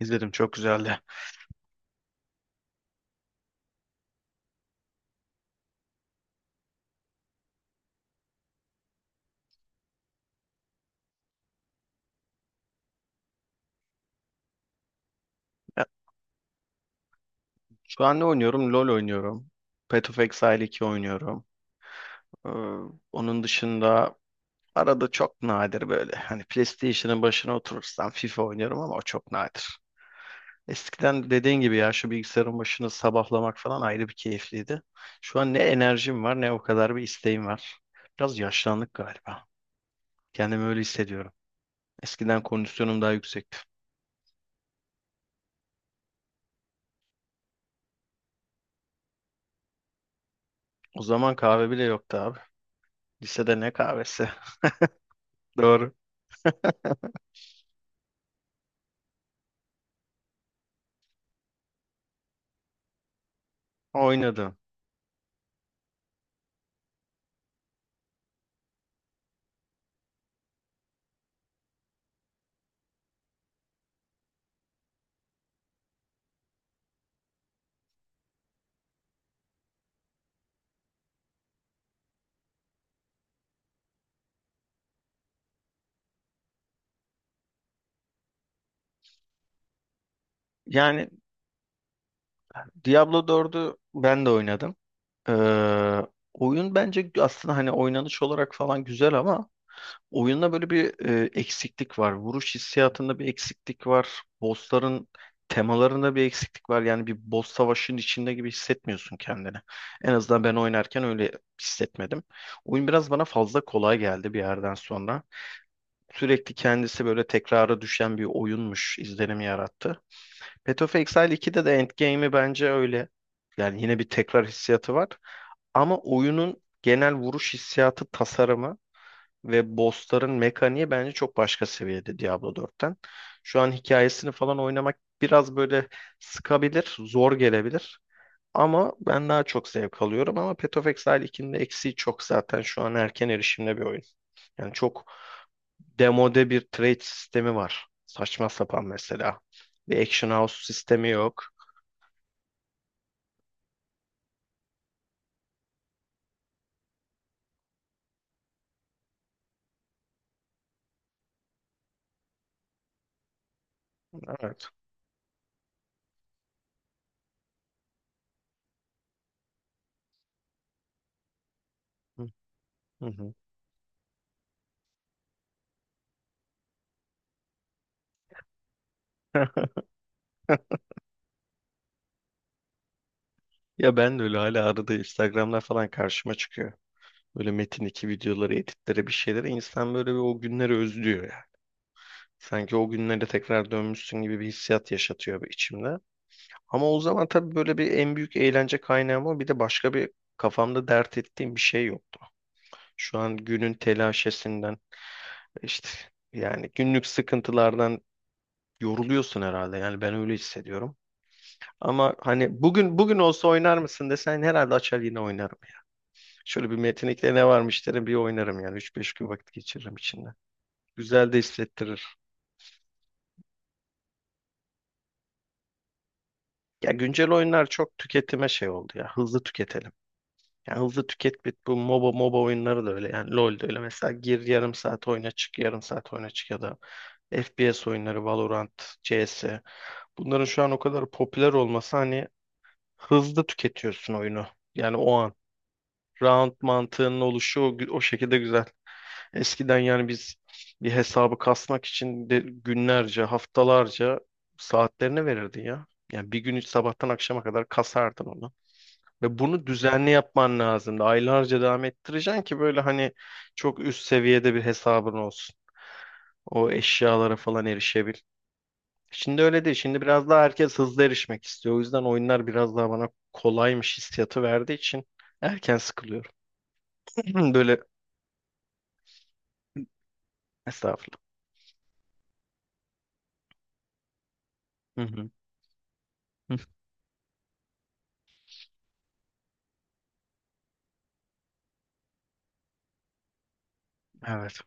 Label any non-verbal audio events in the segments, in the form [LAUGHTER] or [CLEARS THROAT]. İzledim, çok güzeldi. Ya, şu an ne oynuyorum? LoL oynuyorum. Path of Exile 2 oynuyorum. Ee, onun dışında arada çok nadir böyle hani PlayStation'ın başına oturursam FIFA oynuyorum ama o çok nadir. Eskiden dediğin gibi ya şu bilgisayarın başını sabahlamak falan ayrı bir keyifliydi. Şu an ne enerjim var ne o kadar bir isteğim var. Biraz yaşlandık galiba. Kendimi öyle hissediyorum. Eskiden kondisyonum daha yüksekti. O zaman kahve bile yoktu abi. Lisede ne kahvesi? [LAUGHS] Doğru. Oynadım. Yani Diablo 4'ü ben de oynadım. Ee, oyun bence aslında hani oynanış olarak falan güzel ama oyunda böyle bir eksiklik var. Vuruş hissiyatında bir eksiklik var. Bossların temalarında bir eksiklik var. Yani bir boss savaşının içinde gibi hissetmiyorsun kendini. En azından ben oynarken öyle hissetmedim. Oyun biraz bana fazla kolay geldi bir yerden sonra. Sürekli kendisi böyle tekrara düşen bir oyunmuş izlenimi yarattı. Path of Exile 2'de de Endgame'i bence öyle. Yani yine bir tekrar hissiyatı var. Ama oyunun genel vuruş hissiyatı, tasarımı ve bossların mekaniği bence çok başka seviyede Diablo 4'ten. Şu an hikayesini falan oynamak biraz böyle sıkabilir, zor gelebilir. Ama ben daha çok zevk alıyorum. Ama Path of Exile 2'nin de eksiği çok zaten şu an erken erişimde bir oyun. Yani çok demode bir trade sistemi var. Saçma sapan mesela. Bir action house sistemi yok. Evet. Hı hı. Hı. [LAUGHS] Ya ben de öyle hala arada Instagram'da falan karşıma çıkıyor. Böyle Metin 2 videoları, editlere bir şeylere insan böyle bir o günleri özlüyor yani. Sanki o günlere tekrar dönmüşsün gibi bir hissiyat yaşatıyor bir içimde. Ama o zaman tabii böyle bir en büyük eğlence kaynağım o. Bir de başka bir kafamda dert ettiğim bir şey yoktu. Şu an günün telaşesinden işte yani günlük sıkıntılardan yoruluyorsun herhalde. Yani ben öyle hissediyorum. Ama hani bugün olsa oynar mısın desen herhalde açar yine oynarım yani. Şöyle bir metinlikle ne varmış derim bir oynarım yani. Üç beş gün vakit geçiririm içinde. Güzel de hissettirir. Ya güncel oyunlar çok tüketime şey oldu ya. Hızlı tüketelim. Ya hızlı tüket bit bu MOBA oyunları da öyle yani LoL de öyle. Mesela gir yarım saat oyna çık yarım saat oyna çık ya da FPS oyunları Valorant, CS. Bunların şu an o kadar popüler olması hani hızlı tüketiyorsun oyunu. Yani o an. Round mantığının oluşu o, o şekilde güzel. Eskiden yani biz bir hesabı kasmak için de günlerce, haftalarca saatlerini verirdin ya. Yani bir gün sabahtan akşama kadar kasardın onu. Ve bunu düzenli yapman lazımdı. Aylarca devam ettireceksin ki böyle hani çok üst seviyede bir hesabın olsun. O eşyalara falan erişebil. Şimdi öyle değil. Şimdi biraz daha herkes hızlı erişmek istiyor. O yüzden oyunlar biraz daha bana kolaymış hissiyatı verdiği için erken sıkılıyorum. [CLEARS THROAT] Böyle. Hı hı. Hı. Evet.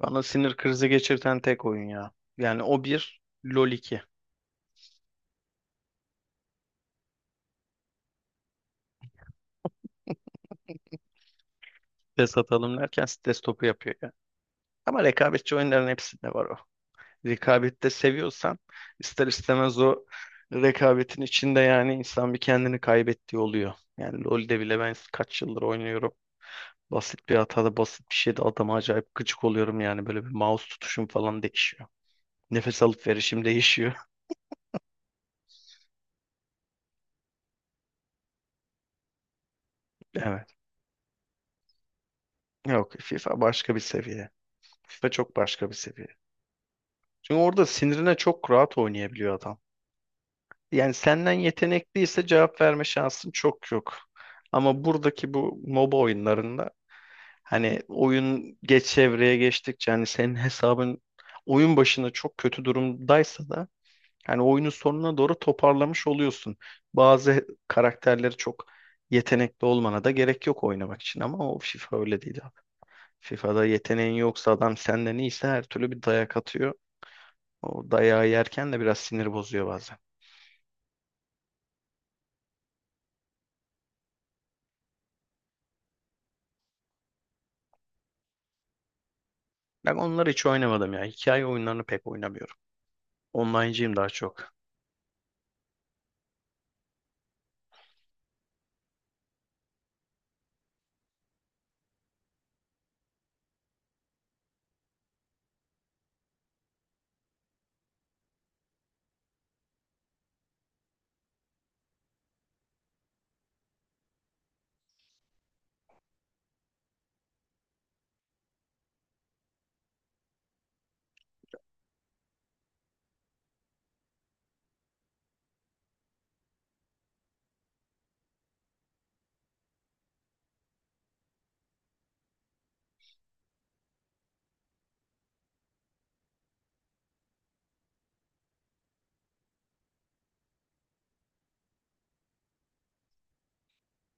Bana sinir krizi geçirten tek oyun ya. Yani o bir, LoL iki. Stres atalım derken stres topu yapıyor yani. Ama rekabetçi oyunların hepsinde var o. Rekabette seviyorsan ister istemez o rekabetin içinde yani insan bir kendini kaybettiği oluyor. Yani LoL'de bile ben kaç yıldır oynuyorum. Basit bir hatada basit bir şeyde adama acayip gıcık oluyorum yani böyle bir mouse tutuşum falan değişiyor. Nefes alıp verişim değişiyor. [LAUGHS] Evet. Yok, FIFA başka bir seviye. FIFA çok başka bir seviye. Çünkü orada sinirine çok rahat oynayabiliyor adam. Yani senden yetenekliyse cevap verme şansın çok yok. Ama buradaki bu MOBA oyunlarında hani oyun geç evreye geçtikçe hani senin hesabın oyun başında çok kötü durumdaysa da hani oyunun sonuna doğru toparlamış oluyorsun. Bazı karakterleri çok yetenekli olmana da gerek yok oynamak için ama o FIFA öyle değil abi. FIFA'da yeteneğin yoksa adam senden iyiyse her türlü bir dayak atıyor. O dayağı yerken de biraz sinir bozuyor bazen. Ben onları hiç oynamadım ya. Hikaye oyunlarını pek oynamıyorum. Online'cıyım daha çok.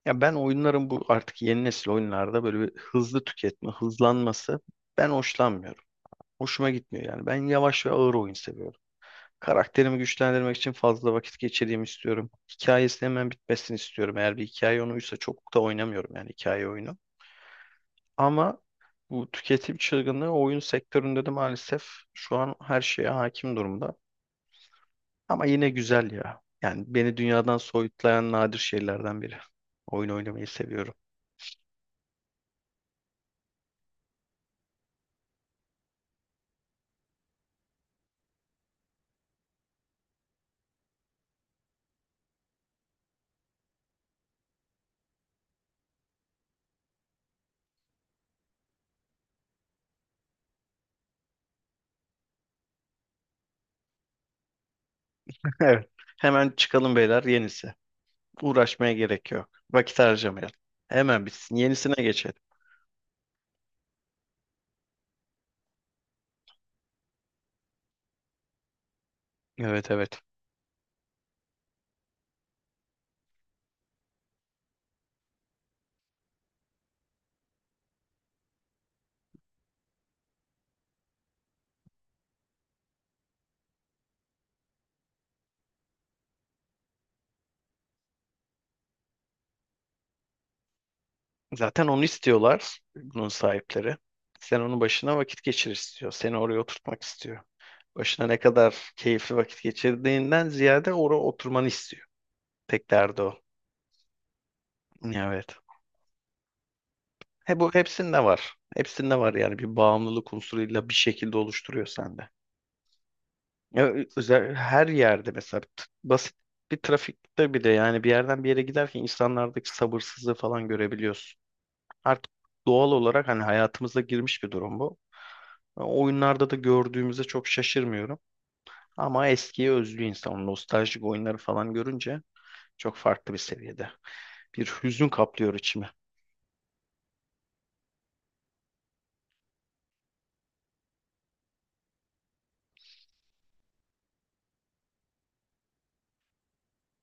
Ya ben oyunların bu artık yeni nesil oyunlarda böyle bir hızlı tüketme, hızlanması ben hoşlanmıyorum. Hoşuma gitmiyor yani. Ben yavaş ve ağır oyun seviyorum. Karakterimi güçlendirmek için fazla vakit geçireyim istiyorum. Hikayesi hemen bitmesini istiyorum. Eğer bir hikaye oyunuysa çok da oynamıyorum yani hikaye oyunu. Ama bu tüketim çılgınlığı oyun sektöründe de maalesef şu an her şeye hakim durumda. Ama yine güzel ya. Yani beni dünyadan soyutlayan nadir şeylerden biri. Oyun oynamayı seviyorum. [LAUGHS] Evet. Hemen çıkalım beyler yenisi. Uğraşmaya gerek yok. Vakit harcamayalım. Hemen bitsin. Yenisine geçelim. Evet, evet. Zaten onu istiyorlar bunun sahipleri. Sen onun başına vakit geçir istiyor. Seni oraya oturtmak istiyor. Başına ne kadar keyifli vakit geçirdiğinden ziyade oraya oturmanı istiyor. Tek derdi o. Evet. He, bu hepsinde var. Hepsinde var yani bir bağımlılık unsuruyla bir şekilde oluşturuyor sende. Ya, özel, her yerde mesela basit bir trafikte bir de yani bir yerden bir yere giderken insanlardaki sabırsızlığı falan görebiliyorsun. Artık doğal olarak hani hayatımıza girmiş bir durum bu. Oyunlarda da gördüğümüzde çok şaşırmıyorum. Ama eskiye özlü insan o nostaljik oyunları falan görünce çok farklı bir seviyede. Bir hüzün kaplıyor içimi.